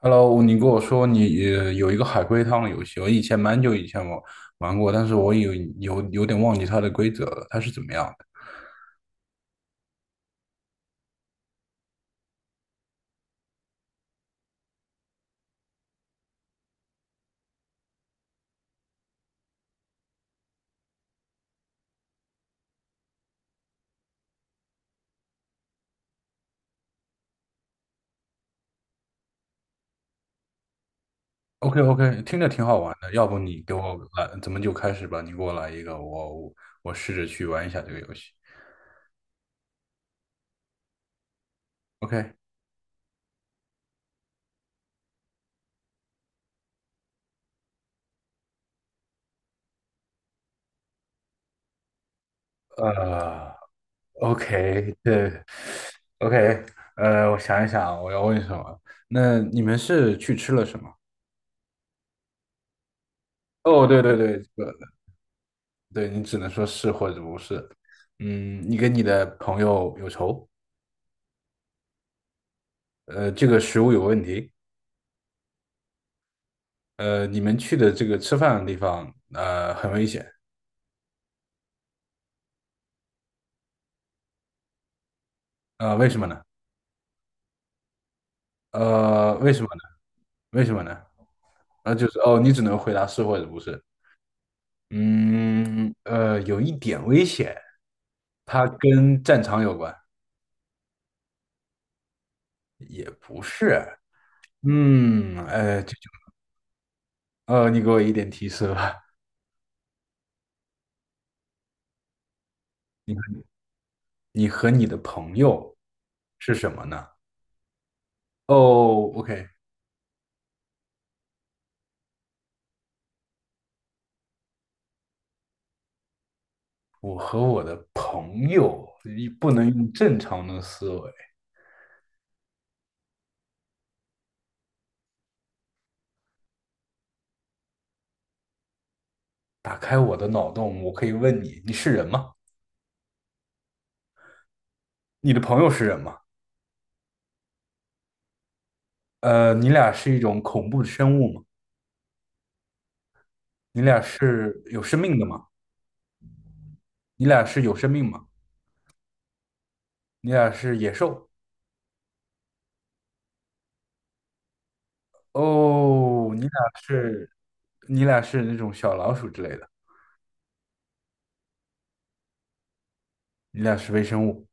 Hello，你跟我说你有一个海龟汤的游戏，我以前蛮久以前我玩过，但是我有点忘记它的规则了，它是怎么样的？OK OK，听着挺好玩的，要不你给我来，咱们就开始吧，你给我来一个，我试着去玩一下这个游戏。OK，呃，OK，对，OK，我想一想啊，我要问什么？那你们是去吃了什么？哦，对对对，这个。对你只能说是或者不是。嗯，你跟你的朋友有仇，这个食物有问题，你们去的这个吃饭的地方，很危险，为什么呢？呃，为什么呢？为什么呢？啊，就是哦，你只能回答是或者不是。嗯，有一点危险，它跟战场有关。嗯，你给我一点提示吧。你你和你的朋友是什么呢？哦，OK,我和我的朋友一不能用正常的思维。打开我的脑洞，我可以问你，你是人吗？你的朋友是人吗？你俩是一种恐怖的生物吗？你俩是有生命的吗？你俩是有生命吗？你俩是野兽？哦，是，你俩是那种小老鼠之类的，你俩是微生物，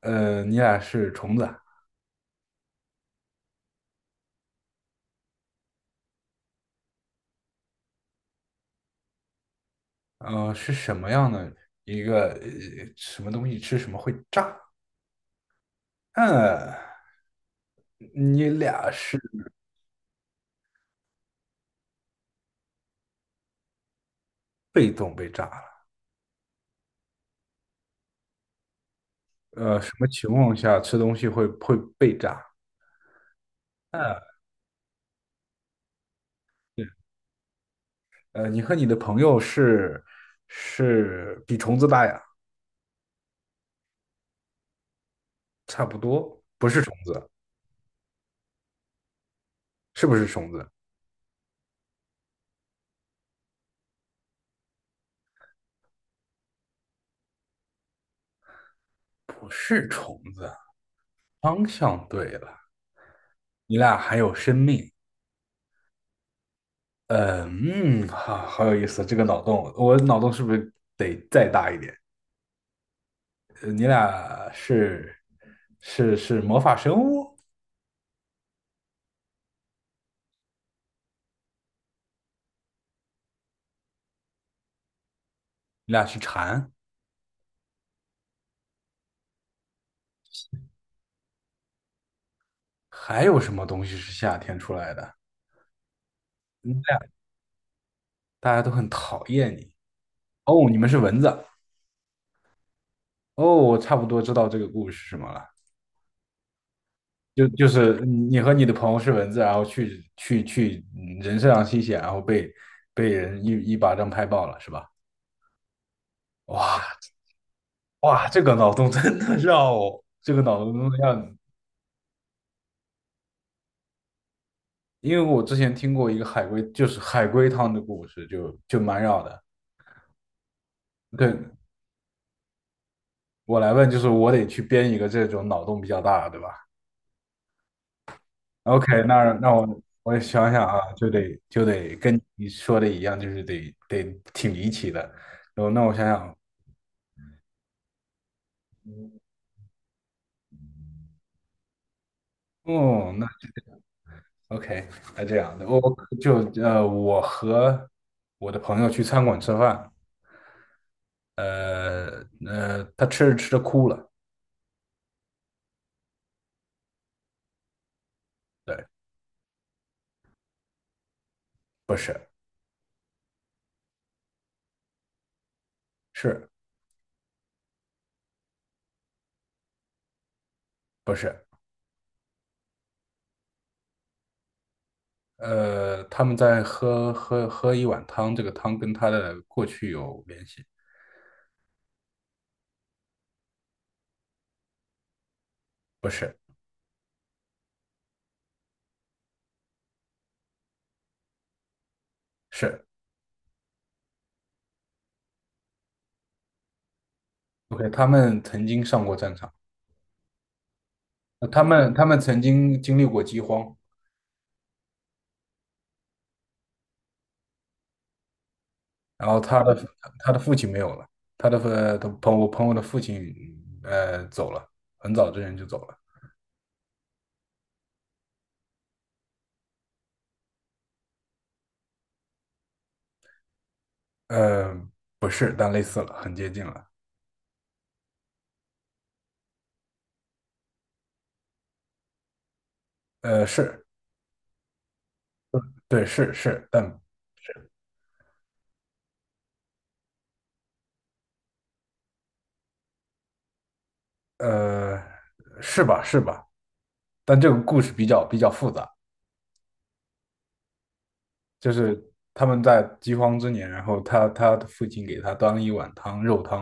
你俩是虫子啊，是什么样的一个，什么东西吃什么会炸？嗯。你俩是被动被炸了，什么情况下吃东西会被炸？嗯，对，你和你的朋友是比虫子大呀，差不多，不是虫子，是不是虫子？不是虫子，方向对了，你俩还有生命。好，好有意思，这个脑洞，我脑洞是不是得再大一点？你俩是魔法生物？你俩是蝉？还有什么东西是夏天出来的？你们俩大家都很讨厌你。哦，你们是蚊子。哦，我差不多知道这个故事是什么了。就就是你和你的朋友是蚊子，然后去人身上吸血，然后被人一巴掌拍爆了，是吧？哇，哇，这个脑洞真的绕，我，这个脑洞真让你，因为我之前听过一个海龟，就是海龟汤的故事，就就蛮绕的。对，我来问，就是我得去编一个这种脑洞比较大的，对吧？OK,那我想想啊，就得跟你说的一样，就是得挺离奇的。然后那我想想，哦，那 OK,那这样的，就我和我的朋友去餐馆吃饭，他吃着吃着哭了，对，不是，是不是？他们在喝一碗汤，这个汤跟他的过去有联系，不是，是 OK,他们曾经上过战场。他们曾经经历过饥荒，然后他的父亲没有了，他的父我朋友的父亲走了，很早之前就走了。呃，不是，但类似了，很接近了。是对，是，但呃是吧是吧，但这个故事比较复杂。就是他们在饥荒之年，然后他的父亲给他端了一碗汤，肉汤，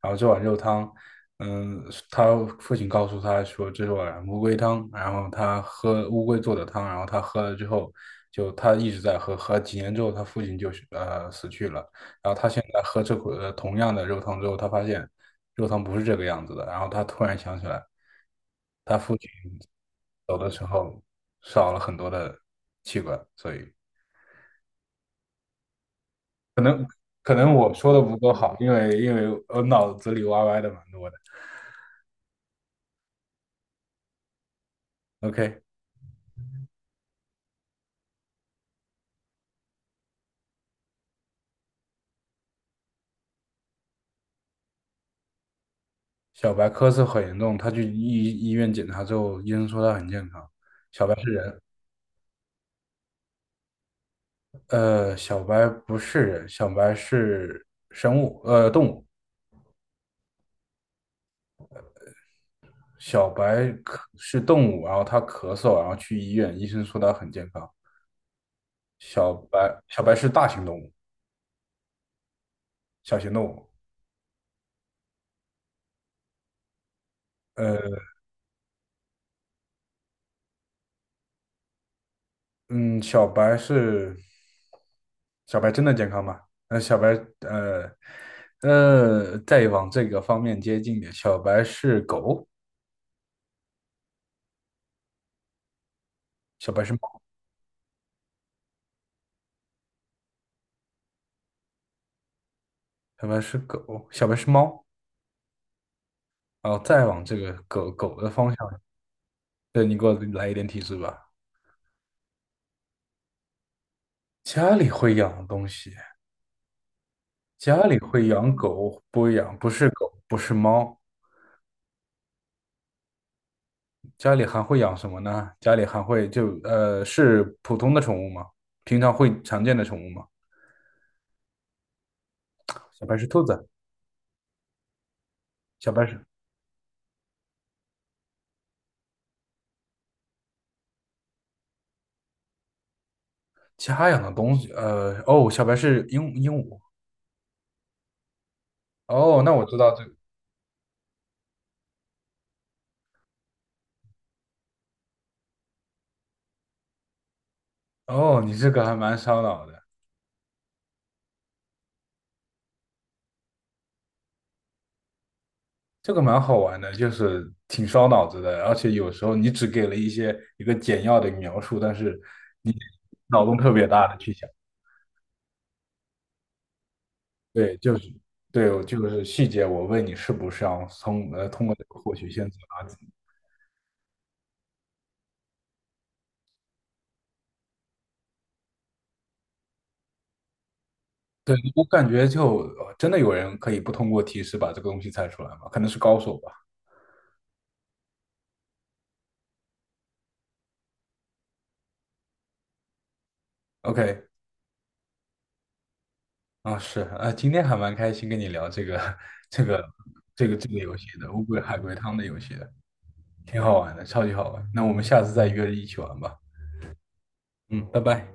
然后这碗肉汤，嗯，他父亲告诉他说这是碗乌龟汤，然后他喝乌龟做的汤，然后他喝了之后，就他一直在喝，喝几年之后他父亲就是死去了，然后他现在喝这口同样的肉汤之后，他发现肉汤不是这个样子的，然后他突然想起来，他父亲走的时候少了很多的器官，所以。可能我说的不够好，因为我脑子里歪歪的蛮多的。OK,小白咳嗽很严重，他去医院检查之后，医生说他很健康。小白不是人，小白是生物，动物。小白咳是动物，然后他咳嗽，然后去医院，医生说他很健康。小白是大型动物，小型动物。呃。嗯，小白真的健康吗？呃，小白，呃，再往这个方面接近点，小白是狗，小白是猫，小白是狗，小白是猫，然后再往这个狗狗的方向，对，你给我来一点提示吧。家里会养的东西，家里会养狗，不养，不是狗，不是猫，家里还会养什么呢？家里还会是普通的宠物吗？平常会常见的宠物吗？小白是兔子，小白是家养的东西，哦，小白是鹦鹉，哦，那我知道这个，哦，你这个还蛮烧脑的，这个蛮好玩的，就是挺烧脑子的，而且有时候你只给了一些一个简要的描述，但是你脑洞特别大的去想，对，就是对，我就是细节，我问你是不是要从通过这个获取线索啊？对，我感觉就真的有人可以不通过提示把这个东西猜出来吗？可能是高手吧。OK。是啊、今天还蛮开心跟你聊这个 这个这个游戏的乌龟海龟汤的游戏的，挺好玩的，超级好玩。那我们下次再约着一起玩吧。嗯，拜拜。